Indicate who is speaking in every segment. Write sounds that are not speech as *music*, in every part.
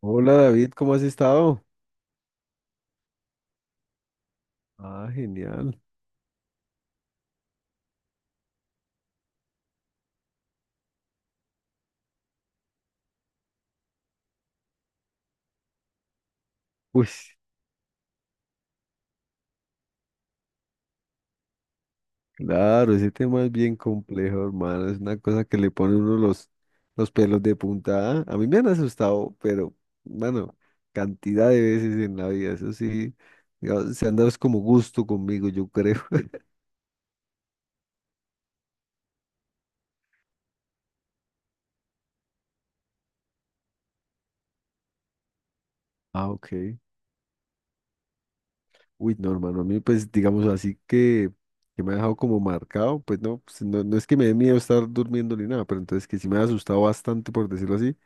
Speaker 1: Hola David, ¿cómo has estado? Ah, genial. Uy, claro, ese tema es bien complejo, hermano. Es una cosa que le pone uno los pelos de punta. A mí me han asustado, pero bueno, cantidad de veces en la vida. Eso sí, digamos, se han dado es como gusto conmigo, yo creo. *laughs* Ah, ok. No, hermano, a mí pues digamos así que me ha dejado como marcado, pues no, pues, no es que me dé miedo estar durmiendo ni nada, pero entonces que sí me ha asustado bastante, por decirlo así.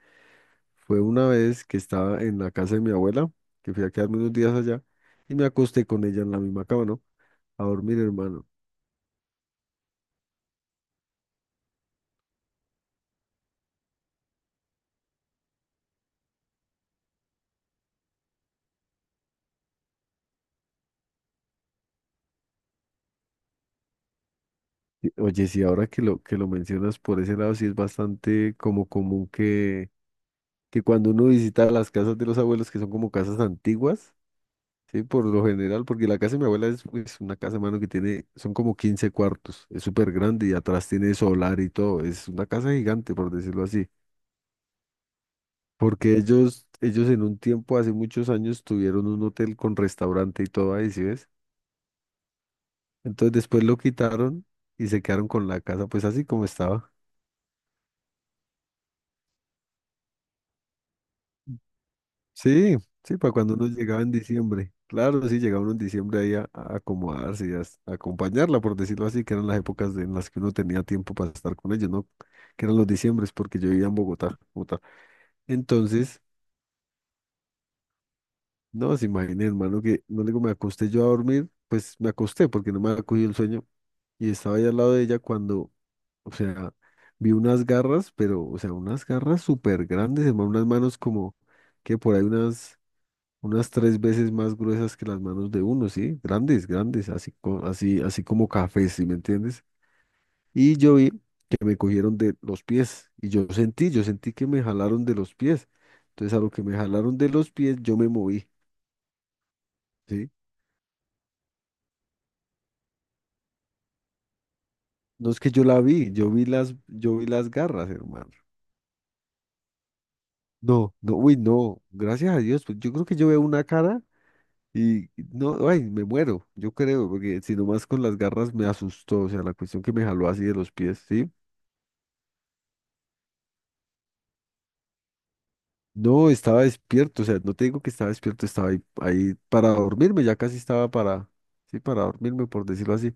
Speaker 1: Fue una vez que estaba en la casa de mi abuela, que fui a quedarme unos días allá, y me acosté con ella en la misma cama, ¿no? A dormir, hermano. Oye, sí, ahora que lo mencionas por ese lado, sí es bastante como común que cuando uno visita las casas de los abuelos, que son como casas antiguas, sí, por lo general, porque la casa de mi abuela es pues, una casa, hermano, que tiene, son como 15 cuartos, es súper grande y atrás tiene solar y todo, es una casa gigante, por decirlo así. Porque ellos en un tiempo, hace muchos años, tuvieron un hotel con restaurante y todo ahí, ¿sí ves? Entonces después lo quitaron y se quedaron con la casa, pues así como estaba. Sí, sí, para cuando uno llegaba en diciembre. Claro, sí, llegaba uno en diciembre ahí a acomodarse y a acompañarla, por decirlo así, que eran las épocas en las que uno tenía tiempo para estar con ellos, ¿no? Que eran los diciembres, porque yo vivía en Bogotá, Bogotá. Entonces, no, se imagina, hermano, que no le digo, me acosté yo a dormir, pues me acosté porque no me había cogido el sueño. Y estaba ahí al lado de ella cuando, o sea, vi unas garras, pero, o sea, unas garras súper grandes, hermano, unas manos como que por ahí unas, unas tres veces más gruesas que las manos de uno, ¿sí? Grandes, grandes, así, así como cafés, ¿sí me entiendes? Y yo vi que me cogieron de los pies y yo sentí que me jalaron de los pies. Entonces, a lo que me jalaron de los pies, yo me moví, ¿sí? No es que yo la vi, yo vi las garras, hermano. No, no, uy, no, gracias a Dios, pues yo creo que yo veo una cara y no, ay, me muero, yo creo, porque si nomás con las garras me asustó, o sea, la cuestión que me jaló así de los pies, ¿sí? No, estaba despierto, o sea, no te digo que estaba despierto, estaba ahí, ahí para dormirme, ya casi estaba sí, para dormirme, por decirlo así.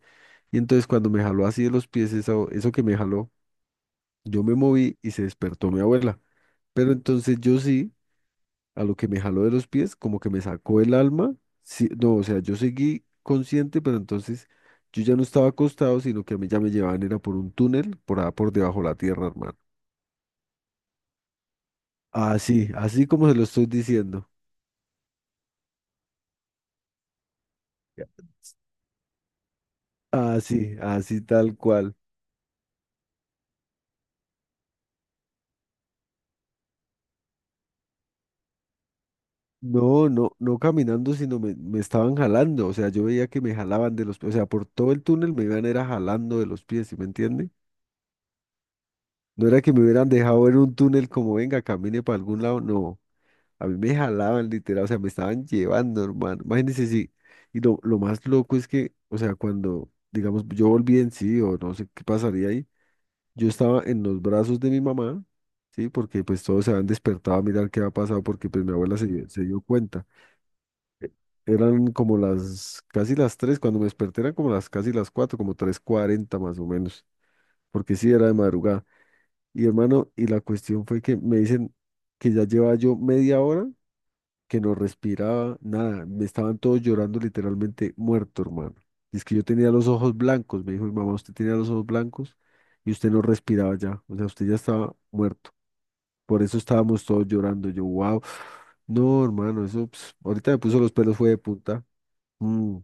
Speaker 1: Y entonces cuando me jaló así de los pies, eso que me jaló, yo me moví y se despertó mi abuela. Pero entonces yo sí. A lo que me jaló de los pies, como que me sacó el alma. Sí, no, o sea, yo seguí consciente, pero entonces yo ya no estaba acostado, sino que a mí ya me llevaban, era por un túnel, por debajo de la tierra, hermano. Así, así como se lo estoy diciendo. Ya. Así, *laughs* así tal cual. No, no, no caminando, sino me estaban jalando. O sea, yo veía que me jalaban de los pies. O sea, por todo el túnel me iban era jalando de los pies, ¿sí me entiende? No era que me hubieran dejado en un túnel como venga, camine para algún lado. No, a mí me jalaban literal, o sea, me estaban llevando, hermano. Imagínense, sí. Y lo más loco es que, o sea, cuando, digamos, yo volví en sí, o no sé qué pasaría ahí, yo estaba en los brazos de mi mamá, ¿sí? Porque pues todos se habían despertado a mirar qué había pasado, porque pues mi abuela se dio cuenta. Eran como casi las 3, cuando me desperté eran como las casi las 4, como 3:40 más o menos, porque sí era de madrugada. Y hermano, y la cuestión fue que me dicen que ya llevaba yo media hora que no respiraba, nada, me estaban todos llorando literalmente muerto, hermano. Dice que yo tenía los ojos blancos, me dijo mi mamá, usted tenía los ojos blancos y usted no respiraba ya, o sea, usted ya estaba muerto. Por eso estábamos todos llorando, yo, wow, no, hermano, eso, ps, ahorita me puso los pelos fue de punta. Mm,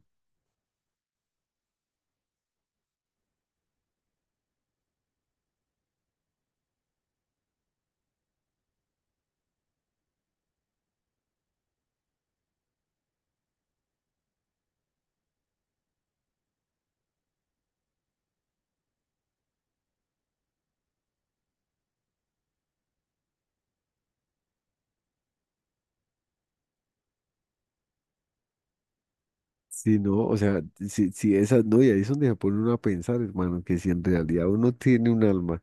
Speaker 1: sí, no, o sea, sí, sí, esas, no, y ahí es donde se pone uno a pensar, hermano, que si en realidad uno tiene un alma,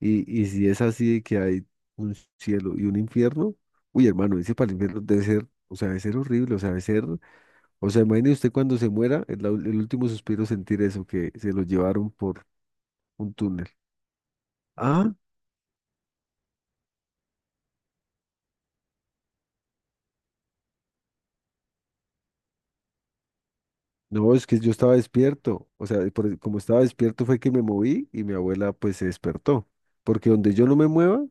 Speaker 1: Y si es así de que hay un cielo y un infierno, uy, hermano, ese para el infierno debe ser, o sea, debe ser horrible, o sea, debe ser, o sea, imagine usted cuando se muera, el último suspiro sentir eso, que se lo llevaron por un túnel. Ah, no, es que yo estaba despierto, o sea, como estaba despierto fue que me moví y mi abuela pues se despertó, porque donde yo no me mueva,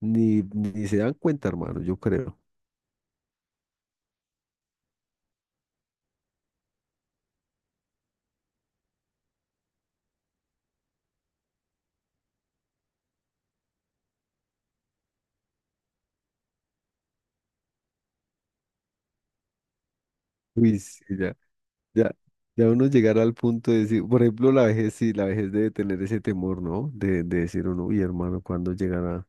Speaker 1: ni se dan cuenta, hermano, yo creo. Uy, sí, ya, ya uno llegar al punto de decir, por ejemplo, la vejez, sí, la vejez debe tener ese temor, ¿no? De decir uno, uy, hermano, ¿cuándo llegará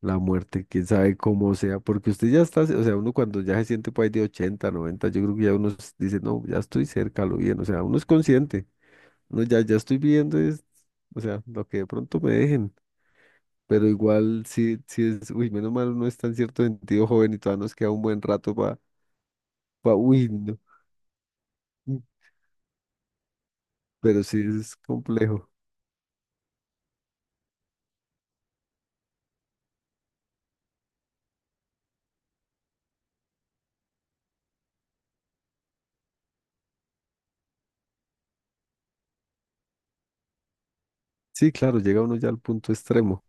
Speaker 1: la muerte? ¿Quién sabe cómo sea? Porque usted ya está, o sea, uno cuando ya se siente por ahí de 80, 90 yo creo que ya uno dice, no, ya estoy cerca, lo bien, o sea, uno es consciente, ya estoy viviendo, es, o sea, lo que de pronto me dejen. Pero igual sí, sí es, uy, menos mal uno está en cierto sentido joven y todavía nos queda un buen rato para, uy, no. Pero sí es complejo. Sí, claro, llega uno ya al punto extremo.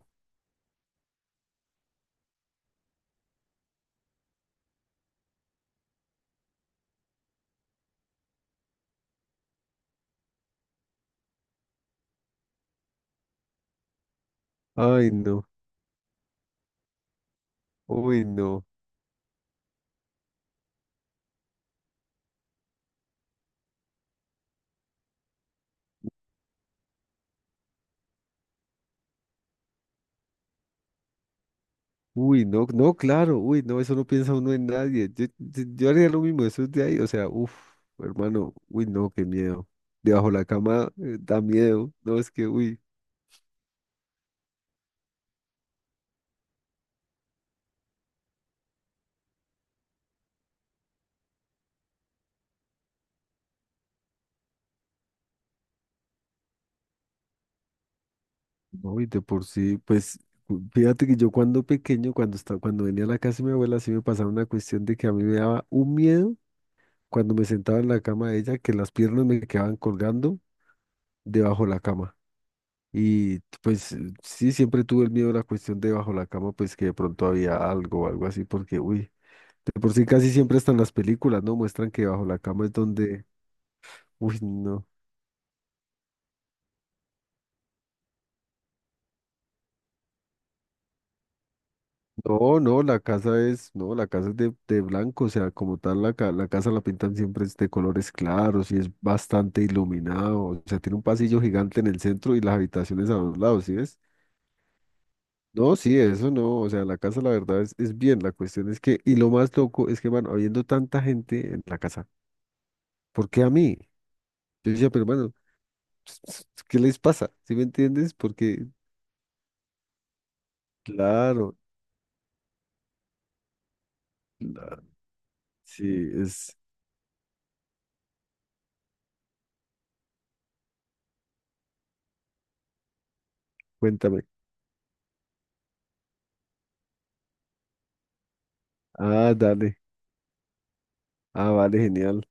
Speaker 1: Ay, no, uy, no, uy, no, no, claro, uy, no, eso no piensa uno en nadie. Yo, yo haría lo mismo, eso es de ahí, o sea, uff, hermano, uy, no, qué miedo. Debajo la cama da miedo, no, es que, uy, no, y de por sí, pues, fíjate que yo cuando pequeño, cuando estaba, cuando venía a la casa de mi abuela, sí me pasaba una cuestión de que a mí me daba un miedo cuando me sentaba en la cama de ella, que las piernas me quedaban colgando debajo de la cama. Y pues sí, siempre tuve el miedo a la cuestión de bajo la cama, pues que de pronto había algo o algo así, porque, uy, de por sí casi siempre están las películas, ¿no? Muestran que bajo la cama es donde, uy, no. No, no, la casa es, no, la casa es de blanco, o sea, como tal, la casa la pintan siempre es de colores claros y es bastante iluminado, o sea, tiene un pasillo gigante en el centro y las habitaciones a los lados, ¿sí ves? No, sí, eso no, o sea, la casa la verdad es bien, la cuestión es que, y lo más loco es que, van habiendo tanta gente en la casa. ¿Por qué a mí? Yo decía, pero bueno, *laughs* ¿qué les pasa? ¿Sí me entiendes? Porque, claro, la- sí, es, cuéntame. Ah, dale. Ah, vale, genial.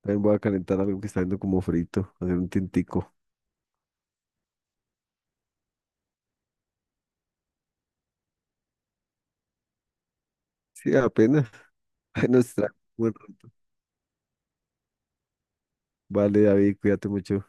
Speaker 1: También voy a calentar algo que está viendo como frito, hacer un tintico. Sí, apenas. *laughs* Ahí nos trae. Bueno, vale, David, cuídate mucho.